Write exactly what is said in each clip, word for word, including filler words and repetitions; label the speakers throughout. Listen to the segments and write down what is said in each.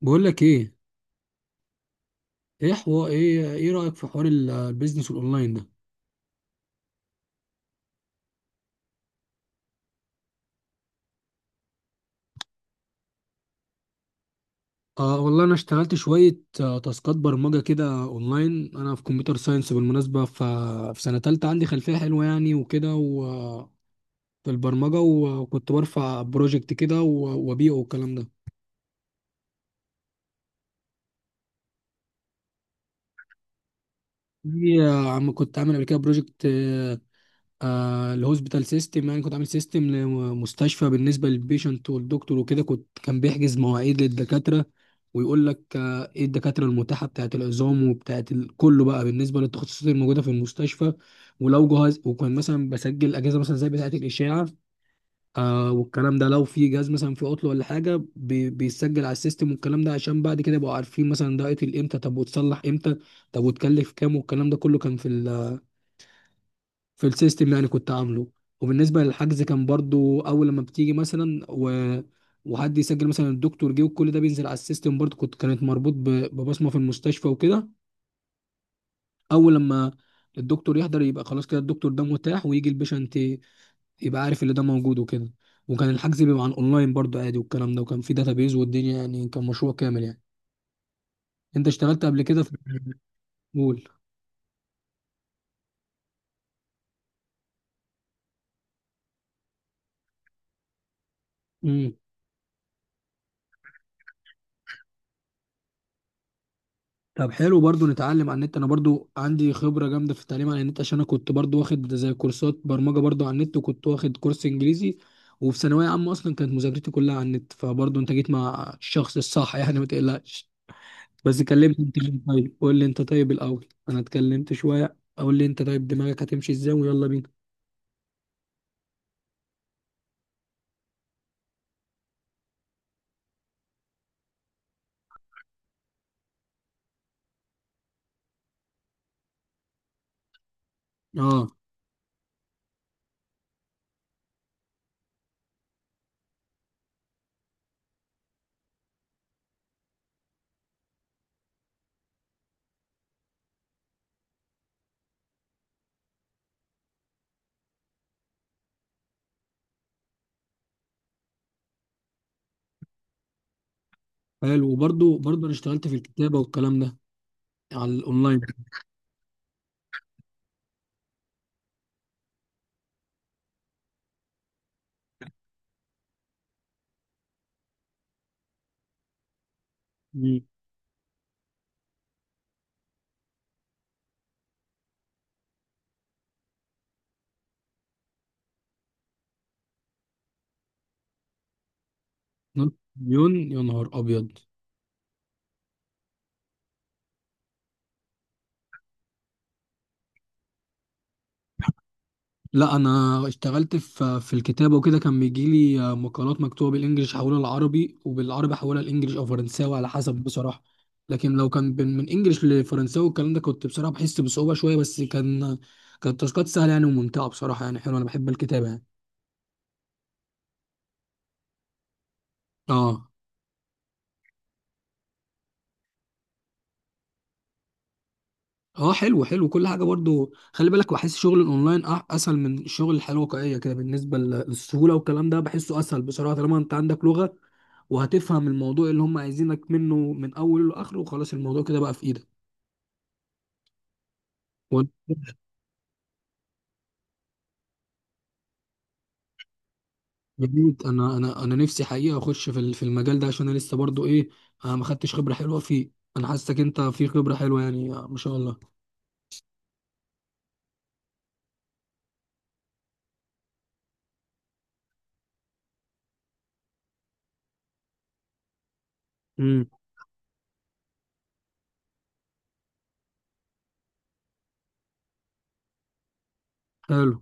Speaker 1: بقول لك ايه؟ ايه حوار، ايه ايه رايك في حوار ال- البيزنس الاونلاين ده؟ آه والله انا اشتغلت شويه، آه تاسكات برمجه كده اونلاين. انا في كمبيوتر ساينس بالمناسبه، ف- في سنه تالتة. عندي خلفيه حلوه يعني وكده، و- في البرمجه، و- وكنت برفع بروجكت كده و- وابيعه والكلام ده. في- آه، عم كنت عامل قبل كده بروجكت، آه الهوسبيتال سيستم. يعني كنت عامل سيستم لمستشفى بالنسبه للبيشنت والدكتور وكده. كنت كان بيحجز مواعيد للدكاتره ويقول لك آه ايه الدكاتره المتاحه بتاعه العظام وبتاعه ال- كله، بقى بالنسبه للتخصصات الموجوده في المستشفى. ولو جهاز، وكان مثلا بسجل اجهزه مثلا زي بتاعه الاشاعه آه والكلام ده، لو في جهاز مثلا في عطله ولا حاجه بي- بيسجل على السيستم والكلام ده، عشان بعد كده يبقوا عارفين مثلا ده قتل امتى، طب وتصلح امتى، طب وتكلف كام والكلام ده كله. كان في في السيستم اللي انا كنت عامله. وبالنسبه للحجز كان برضو اول لما بتيجي مثلا و... وحد يسجل مثلا الدكتور جه، وكل ده بينزل على السيستم برضو. كنت كانت مربوط ب... ببصمه في المستشفى وكده. اول لما الدكتور يحضر يبقى خلاص كده الدكتور ده متاح، ويجي البيشنت يبقى عارف اللي ده موجود وكده. وكان الحجز بيبقى عن اونلاين برضو عادي والكلام ده، وكان في داتابيز والدنيا، يعني كان مشروع كامل يعني. انت اشتغلت قبل كده في قول. طب حلو، برضو نتعلم على النت. انا برضو عندي خبرة جامدة في التعليم على النت، عشان انا كنت برضو واخد زي كورسات برمجة برضو على النت، وكنت واخد كورس انجليزي، وفي ثانوية عامة اصلا كانت مذاكرتي كلها على النت. فبرضو انت جيت مع الشخص الصح يعني، ما تقلقش. بس كلمت انت مين؟ طيب قول لي انت، طيب الاول انا اتكلمت شوية. قول لي انت، طيب دماغك هتمشي ازاي، ويلا بينا. اه، حلو. وبرضو برضو انا اشتغلت في الكتابة والكلام ده على الاونلاين. مم. نص مليون؟ يا نهار ابيض. لا انا اشتغلت في في الكتابه وكده. كان بيجي لي مقالات مكتوبه بالانجليش احولها للعربي، وبالعربي احولها لانجليش او فرنساوي على حسب، بصراحه. لكن لو كان بين- من انجليش لفرنساوي والكلام ده، كنت بصراحه بحس بصعوبه شويه، بس كان كانت تاسكات سهله يعني وممتعه، بصراحه يعني حلوه. انا بحب الكتابه يعني. اه. اه، حلو حلو كل حاجه. برضو خلي بالك، بحس شغل الاونلاين أح- اسهل من الشغل الحياه الواقعيه كده. بالنسبه ل- للسهوله والكلام ده بحسه اسهل بصراحه، طالما انت عندك لغه وهتفهم الموضوع اللي هم عايزينك منه من اوله لاخره، وخلاص الموضوع كده بقى في ايدك. وأنا- جميل. انا انا انا نفسي حقيقه اخش في ال- في المجال ده، عشان انا لسه برضو ايه، انا ما خدتش خبره حلوه فيه. انا حاسسك انت في خبره حلوه يعني، ما شاء الله. امم حلو.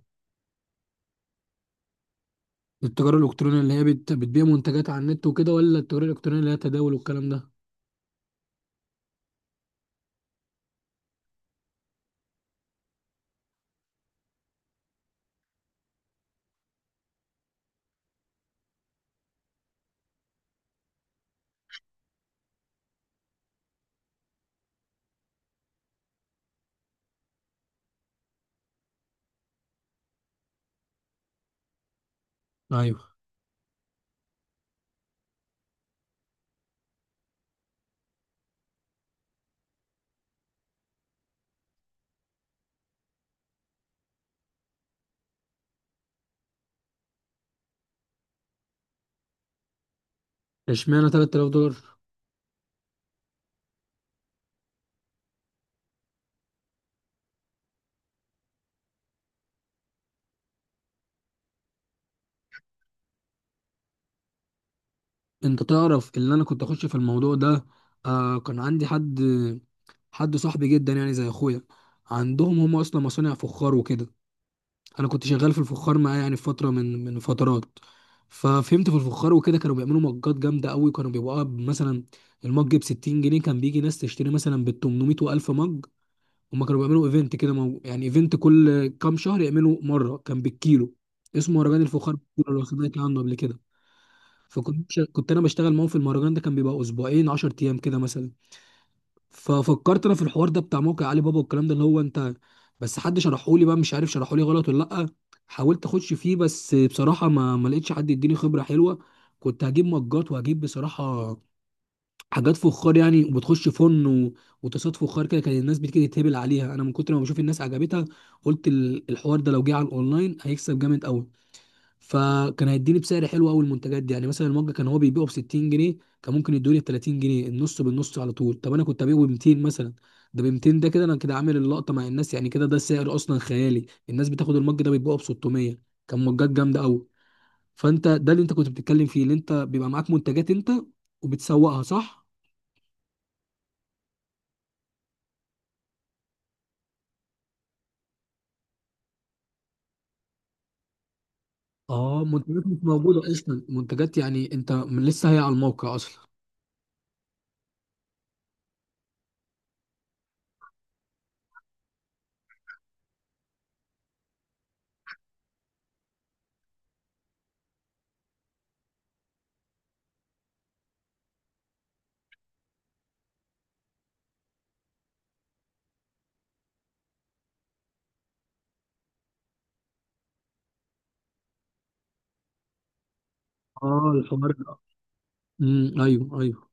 Speaker 1: التجاره الالكترونيه اللي هي بت- بتبيع منتجات على النت وكده، ولا التجاره الالكترونيه اللي هي تداول والكلام ده؟ ايوه. اشمعنى تلاتة الاف دولار؟ انت تعرف اللي انا كنت اخش في الموضوع ده؟ آه، كان عندي حد، حد صاحبي جدا يعني زي اخويا. عندهم هم اصلا مصانع فخار وكده. انا كنت شغال في الفخار معاه يعني في فتره من من فترات. ففهمت في الفخار وكده. كانوا بيعملوا مجات جامده قوي. كانوا بيبقوا مثلا المج ب ستين جنيه، كان بيجي ناس تشتري مثلا بال تمنمية و1000 مج. هم كانوا بيعملوا ايفنت كده، مو- يعني ايفنت كل كام شهر يعملوا مره، كان بالكيلو. اسمه مهرجان الفخار بالكيلو، لو سمعت عنه قبل كده. فكنت ش- كنت انا بشتغل معاهم في المهرجان ده، كان بيبقى اسبوعين عشرة ايام كده مثلا. ففكرت انا في الحوار ده بتاع موقع علي بابا والكلام ده، اللي هو انت، بس حد شرحولي بقى، مش عارف شرحولي غلط ولا لا. حاولت اخش فيه بس بصراحه ما ما لقيتش حد يديني خبره حلوه. كنت هجيب مجات وهجيب بصراحه حاجات فخار يعني. وبتخش فن و... وتصاد فخار كده، كان الناس بتيجي تتهبل عليها، انا من كتر ما بشوف الناس عجبتها، قلت ال- الحوار ده لو جه على الاونلاين هيكسب جامد قوي. فكان هيديني بسعر حلو قوي المنتجات دي، يعني مثلا المج كان هو بيبيعه ب ستين جنيه، كان ممكن يدوني ب تلاتين جنيه، النص بالنص على طول. طب انا كنت ابيعه ب ميتين مثلا. ده ب ميتين ده كده انا كده عامل اللقطه مع الناس، يعني كده ده سعر اصلا خيالي. الناس بتاخد المج ده بيبيعه ب ستمية، كان مجات جامده قوي. فانت ده اللي انت كنت بتتكلم فيه، اللي انت بيبقى معاك منتجات انت وبتسوقها صح؟ اه، منتجات مش موجوده اصلا، منتجات يعني انت، من لسه هي على الموقع اصلا. اه الحوار ده. امم، ايوه، ايوه.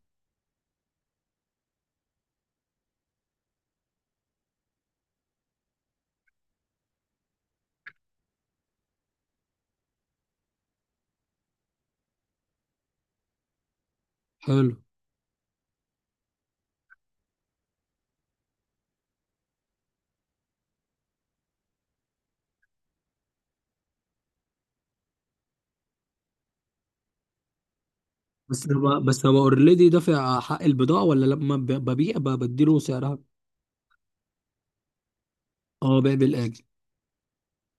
Speaker 1: حلو. بس هو بس هو اوريدي دافع حق البضاعة، ولا لما ب- ببيع ب- بديله سعرها؟ اه، بيع بالآجل.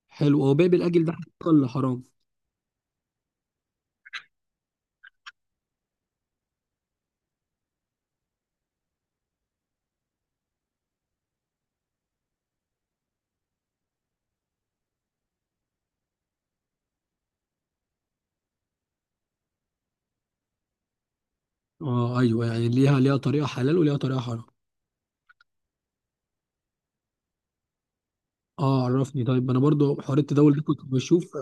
Speaker 1: حلو، هو بيع بالآجل ده حلال ولا حرام؟ اه ايوه، يعني ليها ليها طريقة حلال وليها طريقة حرام. اه عرفني. طيب انا برضو حوار التداول ده كنت بشوف،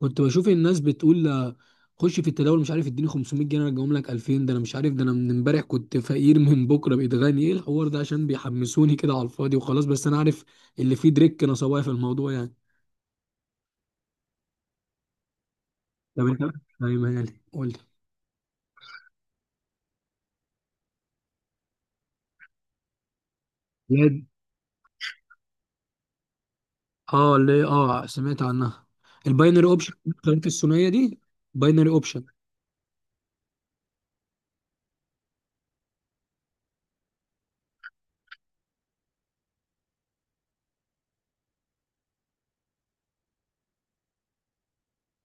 Speaker 1: كنت بشوف الناس بتقول، آه، خش في التداول، مش عارف، اديني خمسمية جنيه ارجعهم لك ألفين. ده انا مش عارف، ده انا من امبارح كنت فقير من بكره بقيت غني، ايه الحوار ده؟ عشان بيحمسوني كده على الفاضي وخلاص. بس انا عارف اللي فيه دريك نصوايا في الموضوع يعني. طب انت فاهم يعني، قول لي. لا، اه، اللي هي- اه سمعت عنها. الباينري اوبشن، الخليط الثنائيه دي. باينري اوبشن.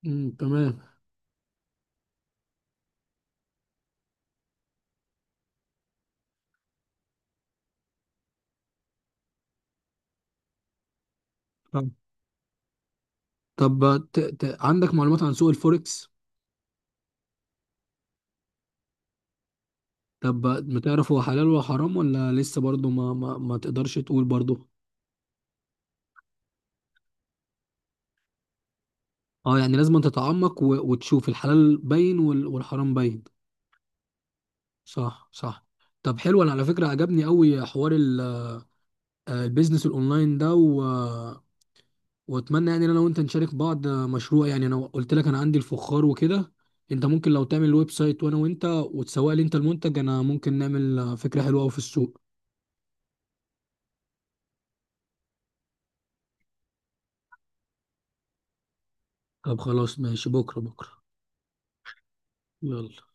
Speaker 1: امم تمام. فاهم. طب ت... ت... عندك معلومات عن سوق الفوركس؟ طب ما تعرف هو حلال ولا حرام، ولا لسه برضه ما... ما ما تقدرش تقول برضه؟ اه، يعني لازم تتعمق و... وتشوف الحلال باين وال... والحرام باين. صح، صح. طب حلو، انا على فكره عجبني قوي حوار ال... آه، البيزنس الاونلاين ده. واتمنى يعني ان انا وانت نشارك بعض مشروع، يعني انا قلت لك انا عندي الفخار وكده. انت ممكن لو تعمل ويب سايت، وانا وانت وتسوق لي انت المنتج، انا ممكن نعمل فكرة حلوة قوي في السوق. طب خلاص، ماشي، بكرة بكرة. يلا.